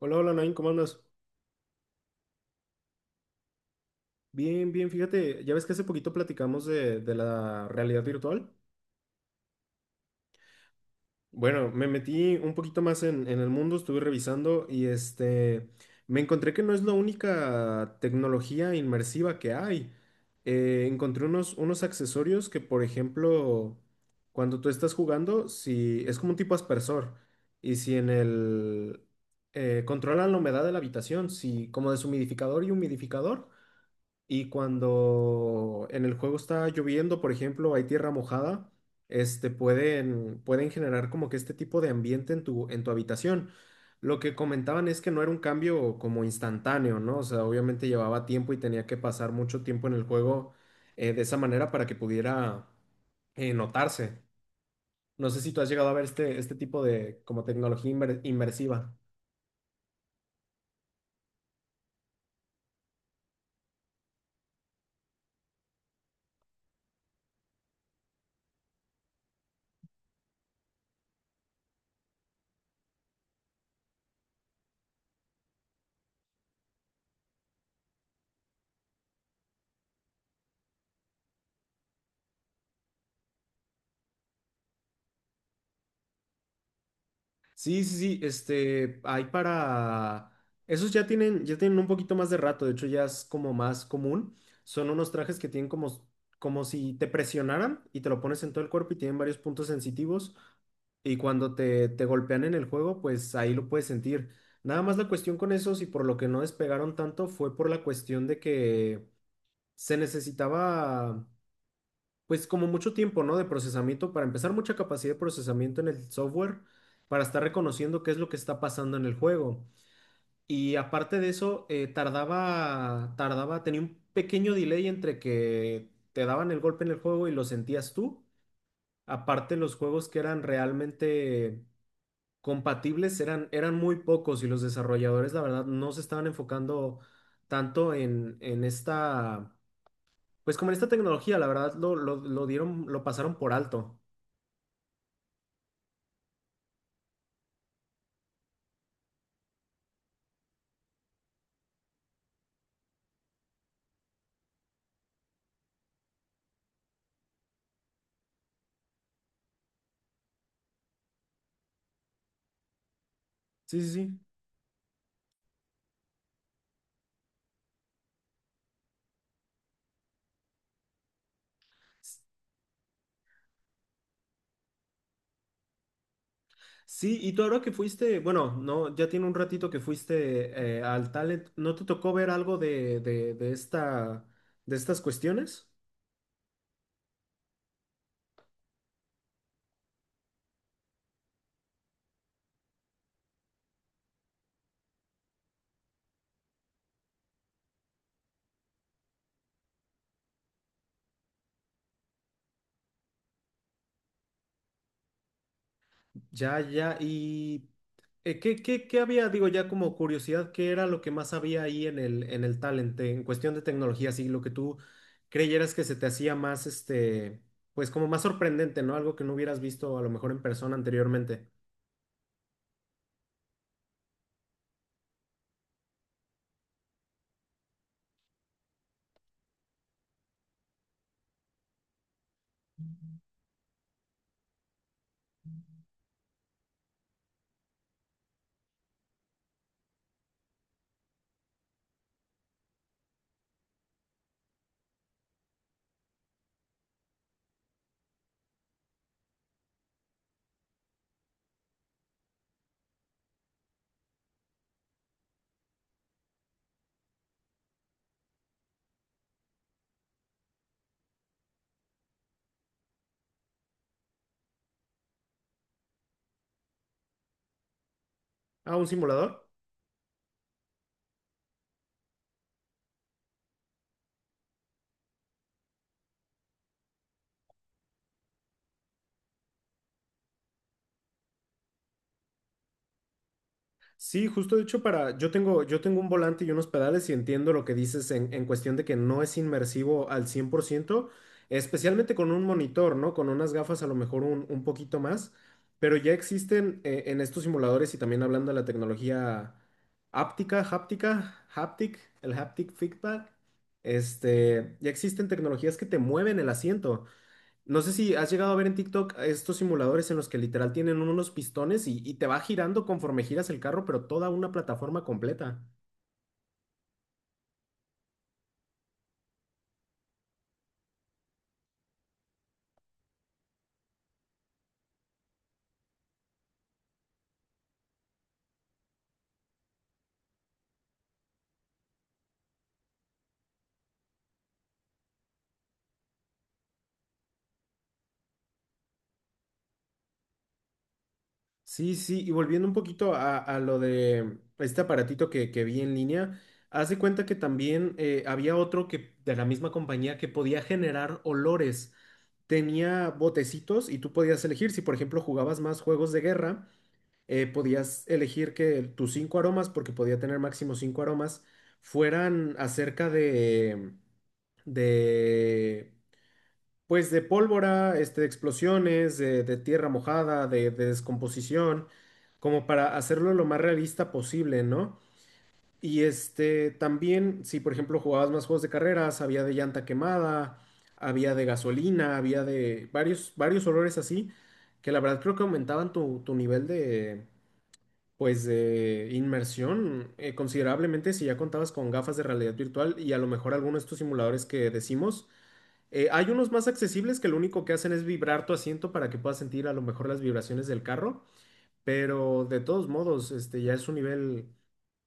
Hola, hola, Nain, ¿cómo andas? Bien, bien, fíjate, ya ves que hace poquito platicamos de la realidad virtual. Bueno, me metí un poquito más en el mundo, estuve revisando y me encontré que no es la única tecnología inmersiva que hay. Encontré unos accesorios que, por ejemplo, cuando tú estás jugando, si es como un tipo aspersor y si en el... controlan la humedad de la habitación, si como deshumidificador y humidificador. Y cuando en el juego está lloviendo, por ejemplo, hay tierra mojada, pueden generar como que este tipo de ambiente en en tu habitación. Lo que comentaban es que no era un cambio como instantáneo, ¿no? O sea, obviamente llevaba tiempo y tenía que pasar mucho tiempo en el juego de esa manera para que pudiera notarse. No sé si tú has llegado a ver este tipo de como tecnología inmersiva. Sí, sí, sí, hay para... Esos ya tienen un poquito más de rato, de hecho ya es como más común. Son unos trajes que tienen como si te presionaran y te lo pones en todo el cuerpo y tienen varios puntos sensitivos y cuando te golpean en el juego, pues ahí lo puedes sentir. Nada más la cuestión con esos y por lo que no despegaron tanto fue por la cuestión de que se necesitaba pues como mucho tiempo, ¿no? De procesamiento, para empezar, mucha capacidad de procesamiento en el software, para estar reconociendo qué es lo que está pasando en el juego. Y aparte de eso, tardaba, tenía un pequeño delay entre que te daban el golpe en el juego y lo sentías tú. Aparte, los juegos que eran realmente compatibles eran muy pocos y los desarrolladores, la verdad, no se estaban enfocando tanto en esta, pues como en esta tecnología, la verdad, lo dieron, lo pasaron por alto. Sí, sí, sí. Sí, y tú ahora que fuiste, bueno, no, ya tiene un ratito que fuiste al Talent, ¿no te tocó ver algo de esta, de estas cuestiones? Ya, ya, y ¿qué, qué, qué había? Digo, ya como curiosidad, ¿qué era lo que más había ahí en en el Talent, en cuestión de tecnología, así lo que tú creyeras que se te hacía más, pues como más sorprendente, ¿no? Algo que no hubieras visto a lo mejor en persona anteriormente. Ah, un simulador. Sí, justo de hecho para, yo tengo un volante y unos pedales y entiendo lo que dices en cuestión de que no es inmersivo al 100%, especialmente con un monitor, ¿no? Con unas gafas a lo mejor un poquito más, pero ya existen en estos simuladores y también hablando de la tecnología áptica, háptica, haptic, el haptic feedback, ya existen tecnologías que te mueven el asiento. No sé si has llegado a ver en TikTok estos simuladores en los que literal tienen unos pistones y te va girando conforme giras el carro, pero toda una plataforma completa. Sí, sí, y volviendo un poquito a lo de este aparatito que vi en línea, haz de cuenta que también había otro que de la misma compañía que podía generar olores. Tenía botecitos y tú podías elegir si, por ejemplo, jugabas más juegos de guerra. Eh, podías elegir que tus cinco aromas, porque podía tener máximo cinco aromas, fueran acerca de, pues de pólvora, de explosiones, de tierra mojada, de descomposición, como para hacerlo lo más realista posible, ¿no? Y también, si por ejemplo jugabas más juegos de carreras, había de llanta quemada, había de gasolina, había de varios olores así, que la verdad creo que aumentaban tu, tu nivel de, pues de inmersión considerablemente si ya contabas con gafas de realidad virtual y a lo mejor algunos de estos simuladores que decimos. Hay unos más accesibles que lo único que hacen es vibrar tu asiento para que puedas sentir a lo mejor las vibraciones del carro, pero de todos modos, este ya es un nivel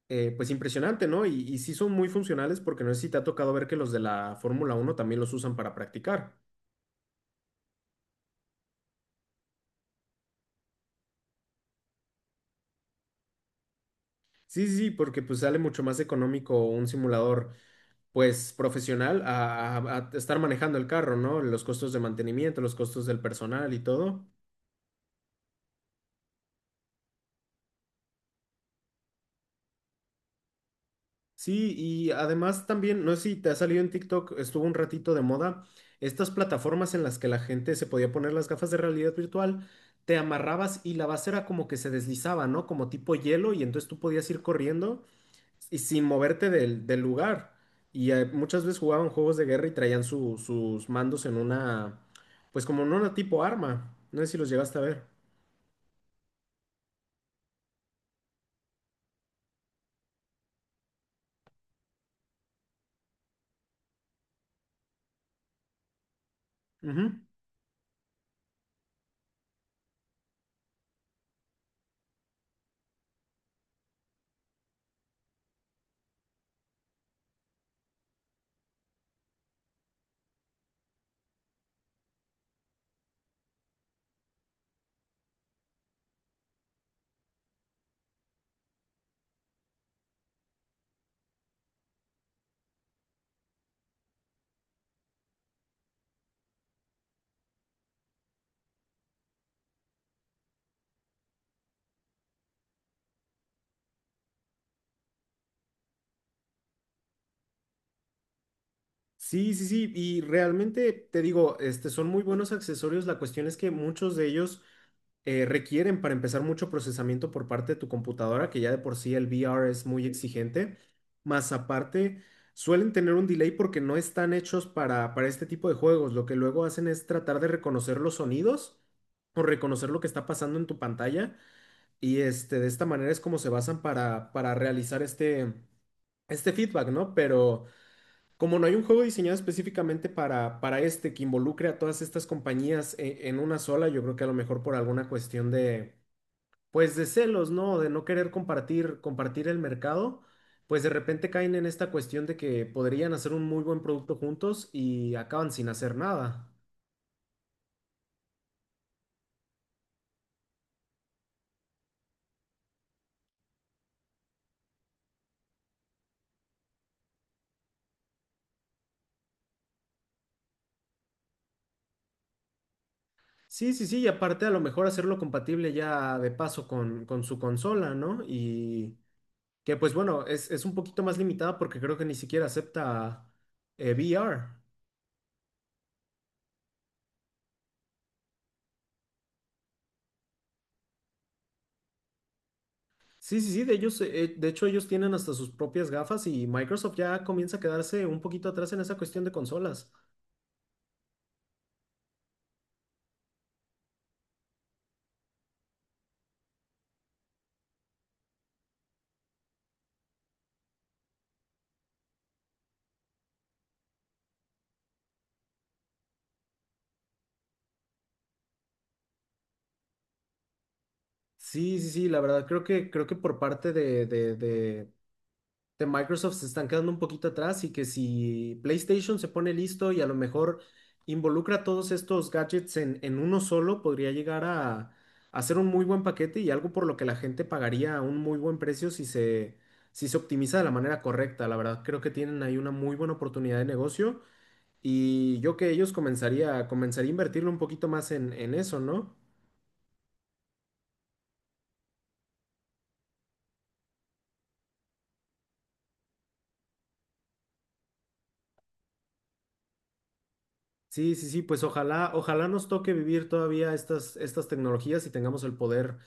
pues impresionante, ¿no? Y sí son muy funcionales porque no sé si te ha tocado ver que los de la Fórmula uno también los usan para practicar. Sí, sí, sí, porque pues sale mucho más económico un simulador pues profesional a estar manejando el carro, ¿no? Los costos de mantenimiento, los costos del personal y todo. Sí, y además también, no sé si te ha salido en TikTok, estuvo un ratito de moda, estas plataformas en las que la gente se podía poner las gafas de realidad virtual, te amarrabas y la base era como que se deslizaba, ¿no? Como tipo hielo y entonces tú podías ir corriendo y sin moverte del lugar. Y muchas veces jugaban juegos de guerra y traían sus mandos en una, pues como en una tipo arma. No sé si los llegaste a ver. Ujú. Sí, sí, sí, y realmente te digo, son muy buenos accesorios. La cuestión es que muchos de ellos requieren para empezar mucho procesamiento por parte de tu computadora, que ya de por sí el VR es muy exigente. Más aparte, suelen tener un delay porque no están hechos para este tipo de juegos. Lo que luego hacen es tratar de reconocer los sonidos o reconocer lo que está pasando en tu pantalla. Y de esta manera es como se basan para realizar este feedback, ¿no? Pero. Como no hay un juego diseñado específicamente para este que involucre a todas estas compañías una sola, yo creo que a lo mejor por alguna cuestión de, pues de celos, ¿no? De no querer compartir el mercado, pues de repente caen en esta cuestión de que podrían hacer un muy buen producto juntos y acaban sin hacer nada. Sí, sí, sí, y aparte a lo mejor hacerlo compatible ya de paso con su consola, ¿no? Y que pues bueno, es un poquito más limitada porque creo que ni siquiera acepta VR. Sí, sí, sí, de ellos, de hecho ellos tienen hasta sus propias gafas y Microsoft ya comienza a quedarse un poquito atrás en esa cuestión de consolas. Sí, sí, sí, la verdad creo que por parte de Microsoft se están quedando un poquito atrás y que si PlayStation se pone listo y a lo mejor involucra todos estos gadgets en uno solo, podría llegar a ser un muy buen paquete y algo por lo que la gente pagaría un muy buen precio si se optimiza de la manera correcta. La verdad creo que tienen ahí una muy buena oportunidad de negocio. Y yo que ellos comenzaría a invertirle un poquito más en eso, ¿no? Sí, sí, sí, pues ojalá, ojalá nos toque vivir todavía estas tecnologías y tengamos el poder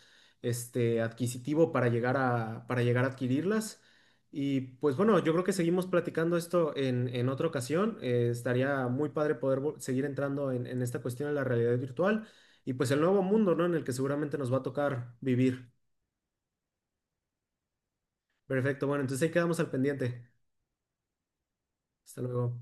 adquisitivo para llegar para llegar a adquirirlas. Y pues bueno, yo creo que seguimos platicando esto en otra ocasión. Estaría muy padre poder seguir entrando en esta cuestión de la realidad virtual y pues el nuevo mundo, ¿no? En el que seguramente nos va a tocar vivir. Perfecto, bueno, entonces ahí quedamos al pendiente. Hasta luego.